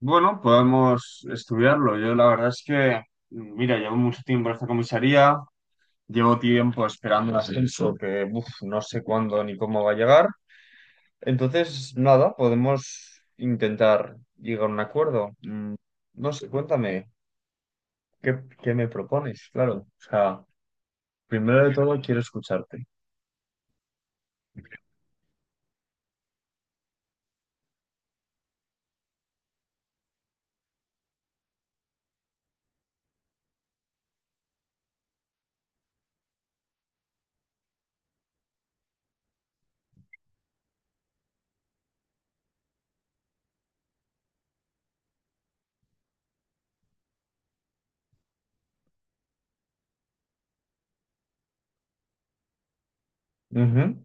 Bueno, podemos estudiarlo. Yo la verdad es que, mira, llevo mucho tiempo en esta comisaría, llevo tiempo esperando un ascenso que uf, no sé cuándo ni cómo va a llegar. Entonces, nada, podemos intentar llegar a un acuerdo. No sé, cuéntame, ¿qué me propones? Claro, o sea, primero de todo quiero escucharte. Ujú.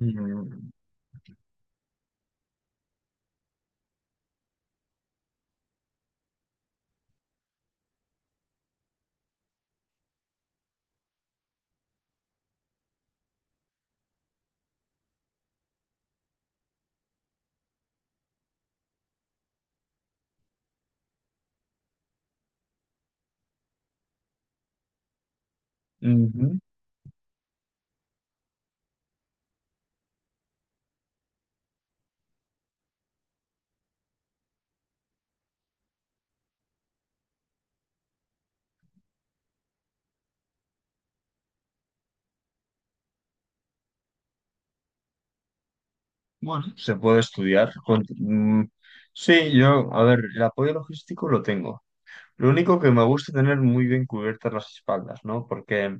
Mm, ujú. Bueno, se puede estudiar. Sí, yo, a ver, el apoyo logístico lo tengo. Lo único que me gusta es tener muy bien cubiertas las espaldas, ¿no? Porque,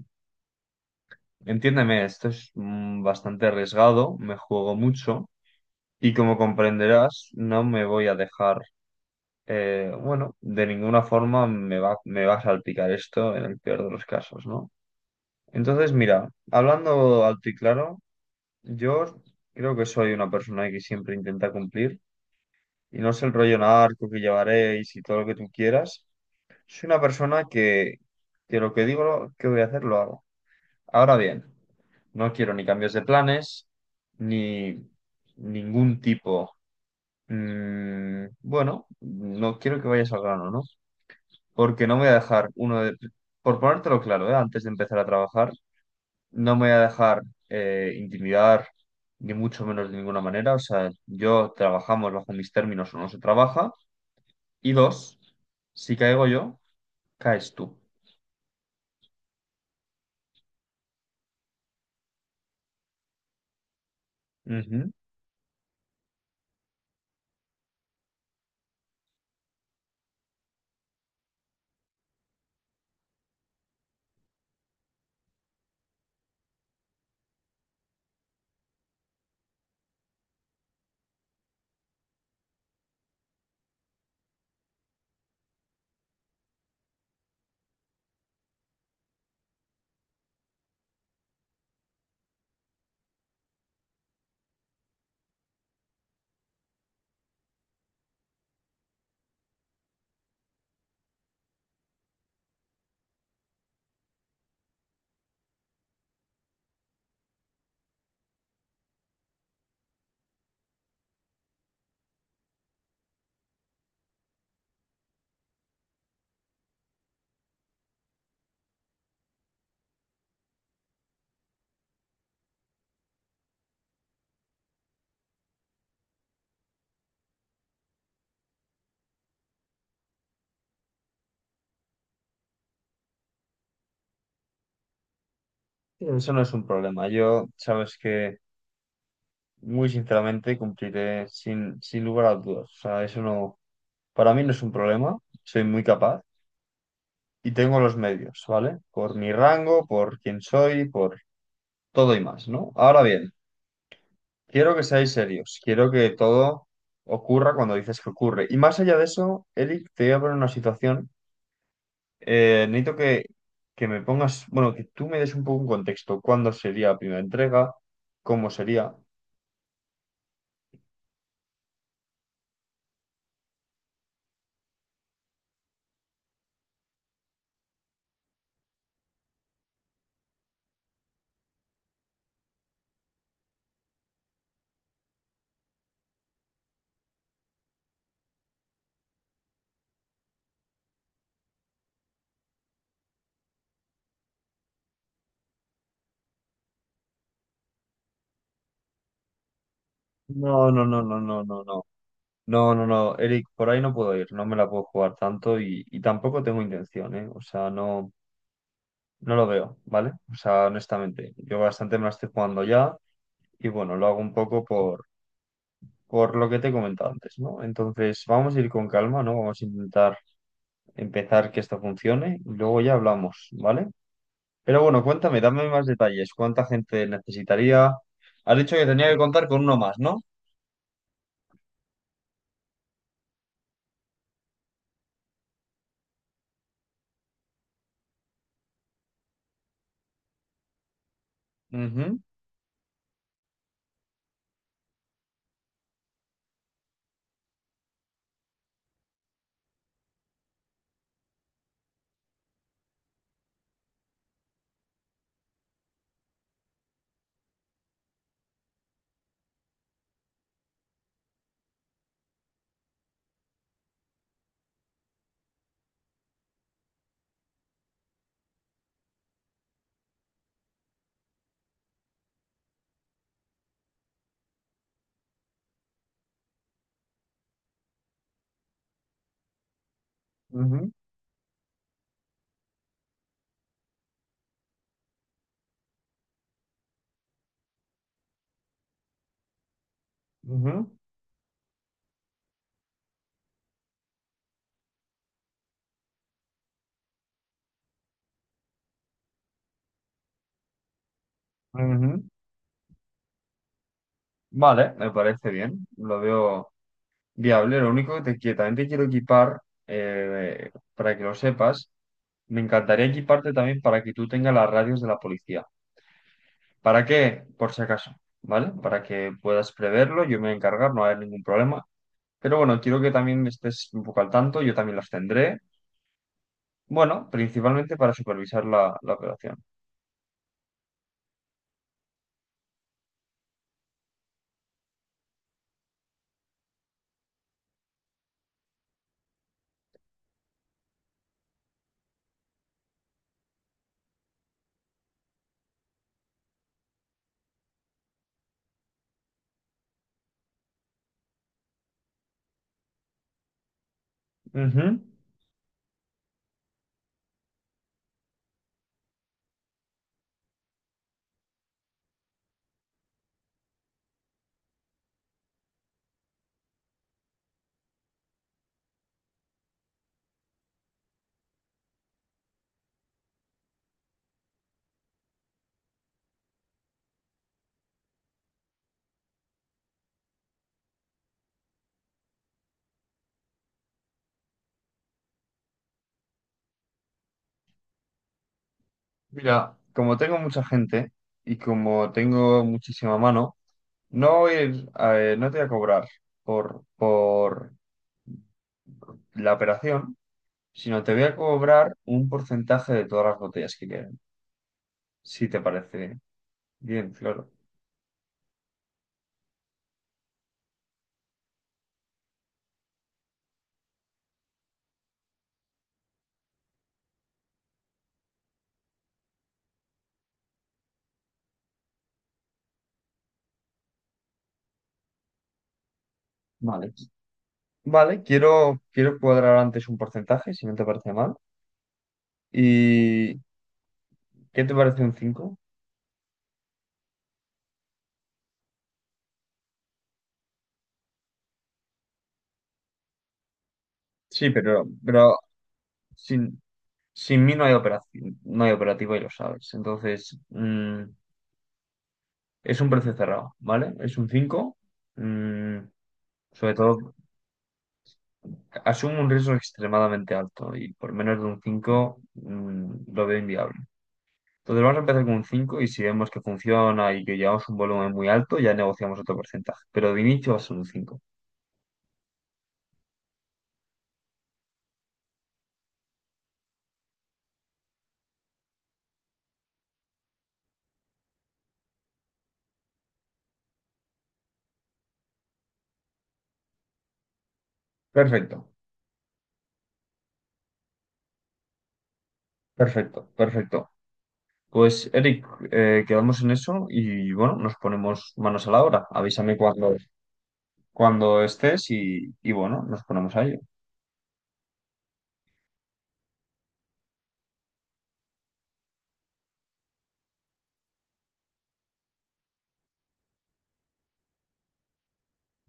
entiéndeme, esto es bastante arriesgado, me juego mucho y como comprenderás, no me voy a dejar, bueno, de ninguna forma me va a salpicar esto en el peor de los casos, ¿no? Entonces, mira, hablando alto y claro, yo creo que soy una persona que siempre intenta cumplir y no es el rollo narco que llevaréis y todo lo que tú quieras. Soy una persona que lo que digo que voy a hacer lo hago. Ahora bien, no quiero ni cambios de planes, ni ningún tipo. Bueno, no quiero que vayas al grano, ¿no? Porque no me voy a dejar uno de... Por ponértelo claro, ¿eh? Antes de empezar a trabajar, no me voy a dejar intimidar, ni mucho menos de ninguna manera. O sea, yo trabajamos bajo mis términos o no se trabaja. Y dos, si caigo yo, caes tú. Ujú. Eso no es un problema. Yo, sabes que muy sinceramente cumpliré sin lugar a dudas. O sea, eso no, para mí no es un problema, soy muy capaz y tengo los medios, ¿vale? Por mi rango, por quién soy, por todo y más, ¿no? Ahora bien, quiero que seáis serios, quiero que todo ocurra cuando dices que ocurre. Y más allá de eso, Eric, te voy a poner una situación. Necesito que me pongas, bueno, que tú me des un poco un contexto. ¿Cuándo sería la primera entrega? ¿Cómo sería? No, no, no, no, no, no, no. No, no, no, Eric, por ahí no puedo ir, no me la puedo jugar tanto y tampoco tengo intención, ¿eh? O sea, no, no lo veo, ¿vale? O sea, honestamente, yo bastante me la estoy jugando ya y bueno, lo hago un poco por lo que te he comentado antes, ¿no? Entonces, vamos a ir con calma, ¿no? Vamos a intentar empezar que esto funcione y luego ya hablamos, ¿vale? Pero bueno, cuéntame, dame más detalles, ¿cuánta gente necesitaría? Has dicho que tenía que contar con uno más, ¿no? Ujú, ujú, ujú, ujú. Vale, me parece bien, lo veo viable. Lo único que te quiero, también te quiero equipar, eh, para que lo sepas, me encantaría equiparte también para que tú tengas las radios de la policía. ¿Para qué? Por si acaso, ¿vale? Para que puedas preverlo, yo me voy a encargar, no va a haber ningún problema. Pero bueno, quiero que también estés un poco al tanto, yo también las tendré. Bueno, principalmente para supervisar la, la operación. Ujú. Mira, como tengo mucha gente y como tengo muchísima mano, no, voy a ir, no te voy a cobrar por la operación, sino te voy a cobrar un porcentaje de todas las botellas que queden, si te parece bien, claro. Vale. Vale, quiero cuadrar antes un porcentaje, si no te parece mal. ¿Y qué te parece un cinco? Sí, pero sin, sin mí no hay operación, no hay operativo y lo sabes. Entonces, es un precio cerrado, ¿vale? Es un 5 mm, sobre todo. Asumo un riesgo extremadamente alto y por menos de un 5 lo veo inviable. Entonces vamos a empezar con un 5 y si vemos que funciona y que llevamos un volumen muy alto, ya negociamos otro porcentaje. Pero de inicio va a ser un cinco. Perfecto, perfecto, perfecto. Pues Eric, quedamos en eso y bueno, nos ponemos manos a la obra. Avísame cuando, cuando estés y bueno, nos ponemos a ello.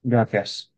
Gracias.